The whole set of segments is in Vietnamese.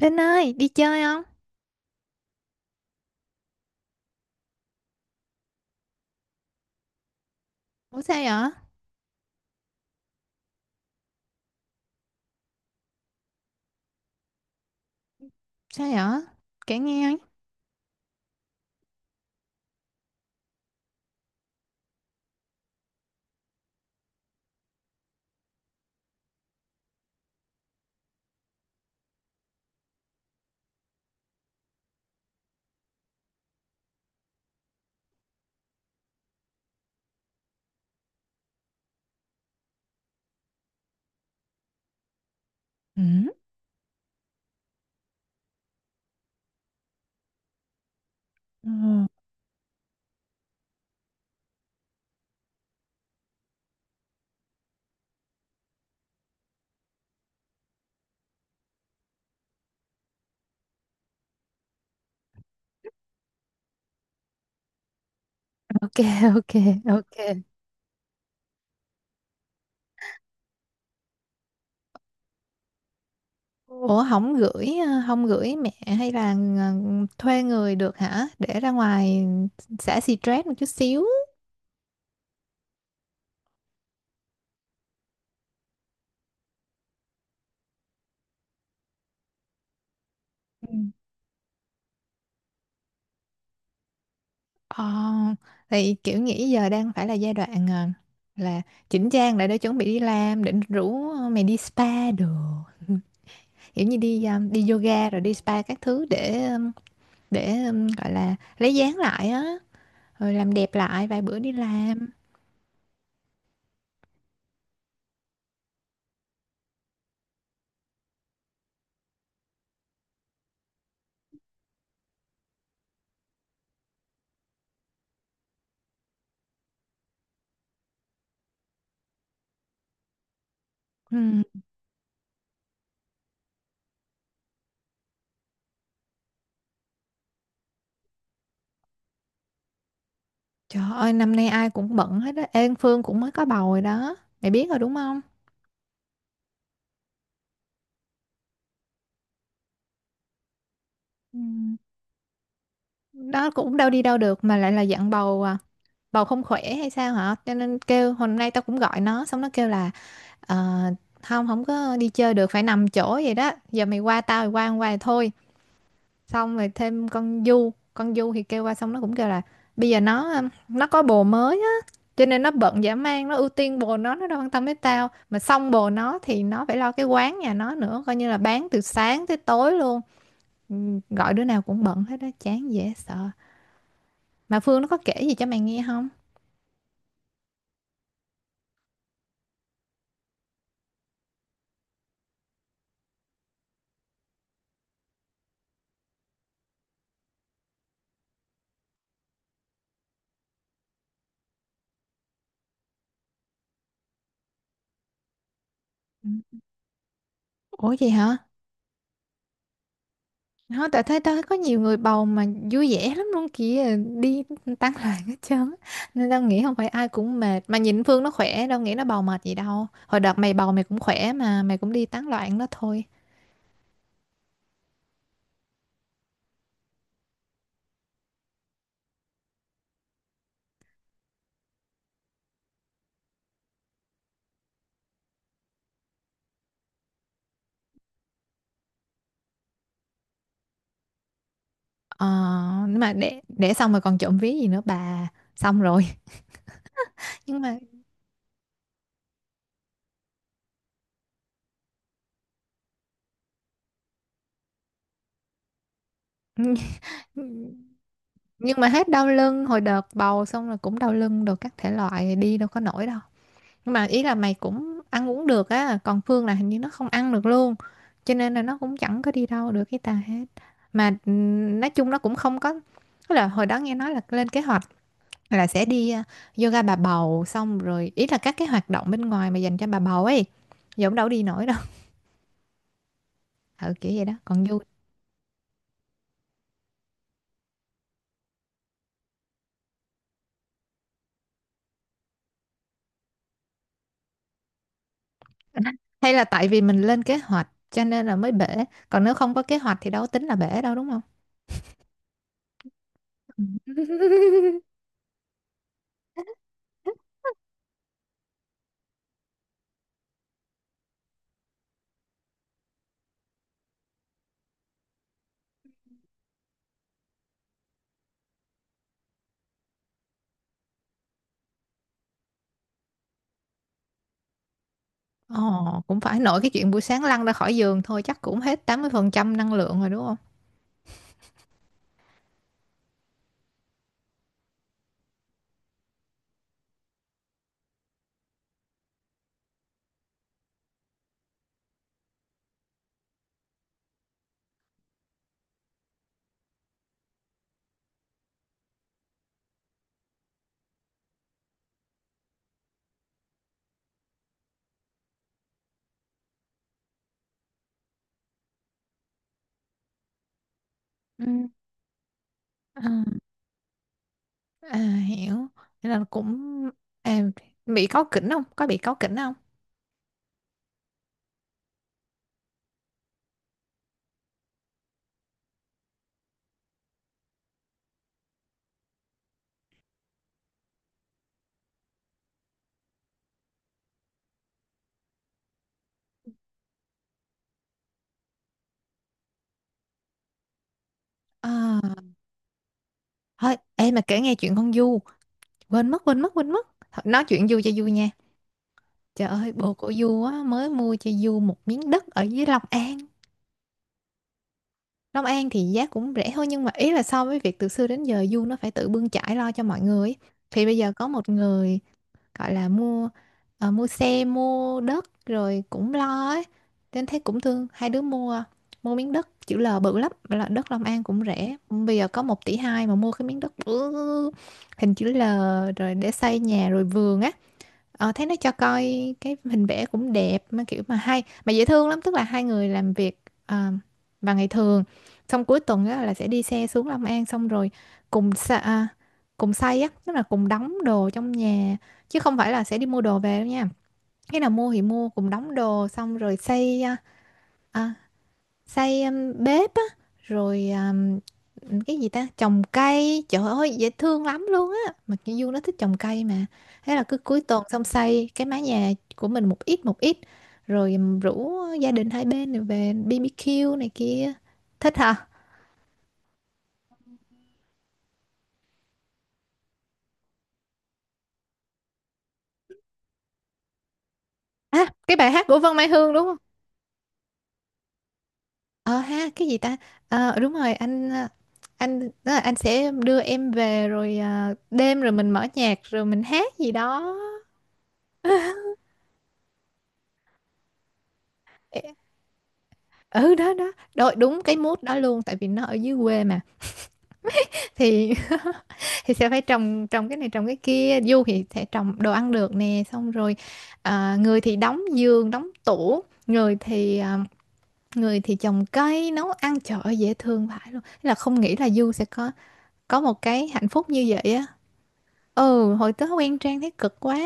Linh ơi, đi chơi không? Ủa sao vậy? Sao vậy? Kể nghe ấy. Ừ. Ừ. Ok, ok, ok. Ủa không gửi mẹ hay là ờ, thuê người được hả? Để ra ngoài xả stress một chút xíu. Ừ. Ờ, thì kiểu nghĩ giờ đang phải là giai đoạn là chỉnh trang lại để chuẩn bị đi làm, định rủ mày đi spa đồ. Kiểu như đi yoga rồi đi spa các thứ để gọi là lấy dáng lại á, rồi làm đẹp lại vài bữa đi làm. Ừ. Trời ơi, năm nay ai cũng bận hết á. Ê, Phương cũng mới có bầu rồi đó, mày biết rồi đúng không? Ừ. Đó cũng đâu đi đâu được mà lại là dặn bầu à, bầu không khỏe hay sao hả? Cho nên kêu hôm nay tao cũng gọi nó, xong nó kêu là "Ờ, không, không có đi chơi được, phải nằm chỗ vậy đó, giờ mày qua tao, mày qua không qua thì thôi." Xong rồi thêm con Du, thì kêu qua, xong nó cũng kêu là bây giờ nó có bồ mới á, cho nên nó bận dã man, nó ưu tiên bồ nó đâu quan tâm đến tao. Mà xong bồ nó thì nó phải lo cái quán nhà nó nữa, coi như là bán từ sáng tới tối luôn. Ừ, gọi đứa nào cũng bận hết đó, chán dễ sợ. Mà Phương nó có kể gì cho mày nghe không? Ừ. Ủa gì hả? Nó tại thấy tao có nhiều người bầu mà vui vẻ lắm luôn kìa, đi tán loạn hết trơn á. Nên tao nghĩ không phải ai cũng mệt, mà nhìn Phương nó khỏe đâu, nghĩ nó bầu mệt gì đâu. Hồi đợt mày bầu, mày cũng khỏe mà, mày cũng đi tán loạn đó thôi. ờ nhưng mà để xong rồi còn trộm ví gì nữa bà, xong rồi nhưng mà hết đau lưng, hồi đợt bầu xong rồi cũng đau lưng đồ các thể loại, đi đâu có nổi đâu. Nhưng mà ý là mày cũng ăn uống được á, còn Phương là hình như nó không ăn được luôn, cho nên là nó cũng chẳng có đi đâu được cái tà hết. Mà nói chung nó cũng không có, tức là hồi đó nghe nói là lên kế hoạch là sẽ đi yoga bà bầu, xong rồi ý là các cái hoạt động bên ngoài mà dành cho bà bầu ấy, giờ cũng đâu đi nổi đâu. Ừ, kiểu vậy đó còn vui. Hay là tại vì mình lên kế hoạch cho nên là mới bể, còn nếu không có kế hoạch thì đâu có tính là bể đâu đúng không? Ồ, cũng phải, nội cái chuyện buổi sáng lăn ra khỏi giường thôi chắc cũng hết 80% năng lượng rồi đúng không? Ừ. À, à hiểu. Thế là cũng à, bị cáu kỉnh không? Có bị cáu kỉnh không? À, thôi em mà kể nghe chuyện con Du, quên mất, quên mất, quên mất. Thôi, nói chuyện Du cho vui nha. Trời ơi, bồ của Du á mới mua cho Du một miếng đất ở dưới Long An. Long An thì giá cũng rẻ hơn, nhưng mà ý là so với việc từ xưa đến giờ Du nó phải tự bươn chải lo cho mọi người ấy. Thì bây giờ có một người gọi là mua xe mua đất rồi cũng lo ấy, nên thấy cũng thương, hai đứa mua mua miếng đất chữ L bự lắm, là đất Long An cũng rẻ, bây giờ có 1,2 tỷ mà mua cái miếng đất bự hình chữ L, rồi để xây nhà rồi vườn á. Ờ, thấy nó cho coi cái hình vẽ cũng đẹp, mà kiểu mà hay mà dễ thương lắm, tức là hai người làm việc ờ, vào ngày thường, xong cuối tuần á, là sẽ đi xe xuống Long An, xong rồi cùng sa, à, cùng xay á, tức là cùng đóng đồ trong nhà, chứ không phải là sẽ đi mua đồ về đâu nha, cái nào mua thì mua, cùng đóng đồ xong rồi à, xây bếp á, rồi cái gì ta, trồng cây, trời ơi dễ thương lắm luôn á, mà cái Du nó thích trồng cây mà. Thế là cứ cuối tuần xong xây cái mái nhà của mình một ít một ít, rồi rủ gia đình hai bên này về BBQ này kia, thích hả. À, cái bài hát của Vân Mai Hương đúng không? Ờ ha, cái gì ta? Ờ đúng rồi, anh đó là anh sẽ đưa em về, rồi đêm rồi mình mở nhạc rồi mình hát gì đó. Ê, ừ đó đó, đôi, đúng cái mood đó luôn tại vì nó ở dưới quê mà. Thì thì sẽ phải trồng trồng cái này trồng cái kia, du thì sẽ trồng đồ ăn được nè, xong rồi người thì đóng giường, đóng tủ, người thì trồng cây, nấu ăn, trời ơi dễ thương vãi luôn. Thế là không nghĩ là Du sẽ có một cái hạnh phúc như vậy á. Ừ, hồi tớ quen Trang thấy cực quá,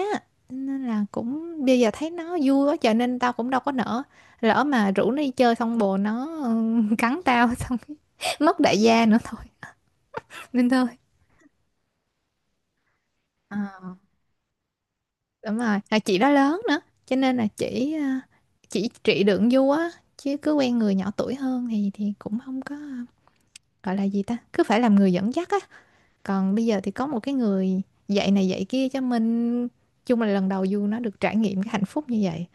nên là cũng bây giờ thấy nó vui quá cho nên tao cũng đâu có nỡ, lỡ mà rủ nó đi chơi xong bồ nó cắn tao xong cái mất đại gia nữa thôi, nên thôi. Ờ, đúng rồi, chị đó lớn nữa, cho nên là chỉ trị đường du á, chứ cứ quen người nhỏ tuổi hơn thì cũng không có, gọi là gì ta, cứ phải làm người dẫn dắt á. Còn bây giờ thì có một cái người dạy này dạy kia cho mình, chung là lần đầu Du nó được trải nghiệm cái hạnh phúc như vậy.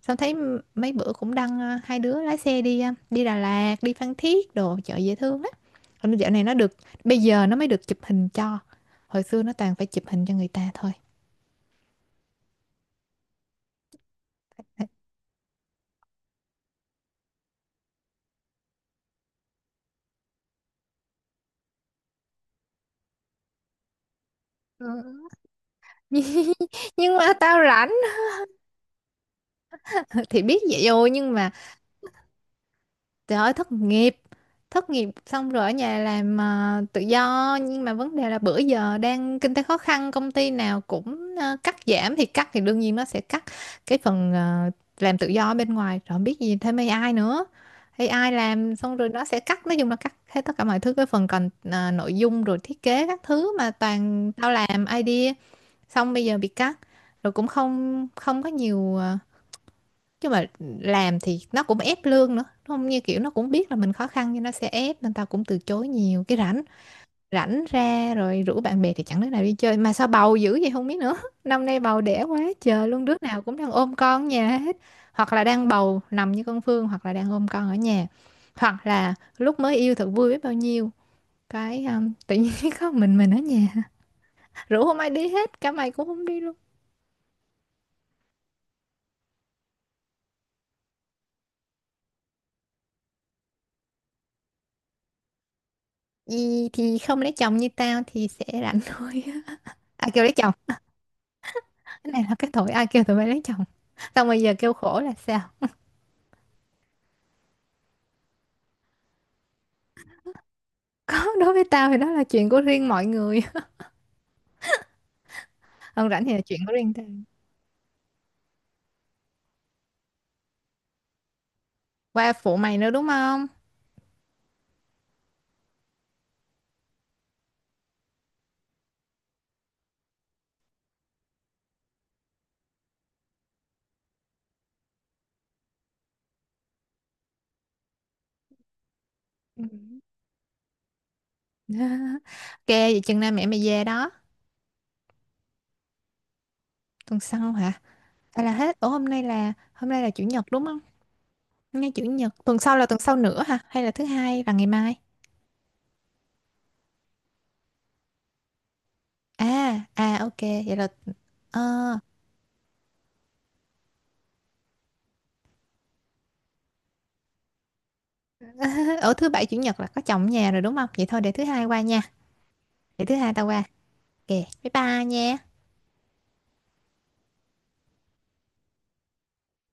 Sao thấy mấy bữa cũng đăng hai đứa lái xe đi Đà Lạt, đi Phan Thiết đồ chợ dễ thương á. Còn dạo này nó được bây giờ nó mới được chụp hình cho. Hồi xưa nó toàn phải chụp hình cho người ta thôi. Ừ. Nhưng mà tao rảnh. Thì biết vậy rồi nhưng mà trời ơi, thất nghiệp. Thất nghiệp xong rồi ở nhà làm tự do. Nhưng mà vấn đề là bữa giờ đang kinh tế khó khăn, công ty nào cũng cắt giảm, thì cắt thì đương nhiên nó sẽ cắt cái phần làm tự do ở bên ngoài, rồi không biết gì thêm AI nữa, AI làm xong rồi nó sẽ cắt. Nói chung là cắt hết tất cả mọi thứ, cái phần còn nội dung rồi thiết kế các thứ, mà toàn tao làm idea, xong bây giờ bị cắt, rồi cũng không không có nhiều, chứ mà làm thì nó cũng ép lương nữa, không như kiểu nó cũng biết là mình khó khăn nhưng nó sẽ ép, nên tao cũng từ chối nhiều cái. Rảnh, rảnh ra rồi rủ bạn bè thì chẳng đứa nào đi chơi, mà sao bầu dữ vậy không biết nữa. Năm nay bầu đẻ quá trời luôn, đứa nào cũng đang ôm con ở nhà hết, hoặc là đang bầu nằm như con Phương, hoặc là đang ôm con ở nhà, hoặc là lúc mới yêu thật vui biết bao nhiêu, cái tự nhiên có mình ở nhà, rủ không ai đi hết, cả mày cũng không đi luôn. Gì thì không lấy chồng như tao thì sẽ rảnh thôi. À kêu lấy chồng, cái này là cái tội, ai kêu tụi bay lấy chồng xong bây giờ kêu khổ là sao? Có, đối với tao thì đó là chuyện của riêng mọi người, hơn rảnh thì là chuyện của riêng tao, qua phụ mày nữa đúng không? Ừ. Ok, vậy chừng nào mẹ mày về đó, tuần sau hả, hay là hết ủa, hôm nay là chủ nhật đúng không? Hôm nay chủ nhật, tuần sau là tuần sau nữa hả, hay là thứ hai và ngày mai? À, ok vậy là ờ. Ở thứ bảy chủ nhật là có chồng ở nhà rồi đúng không, vậy thôi để thứ hai qua nha, để thứ hai tao qua, ok, bye bye nha.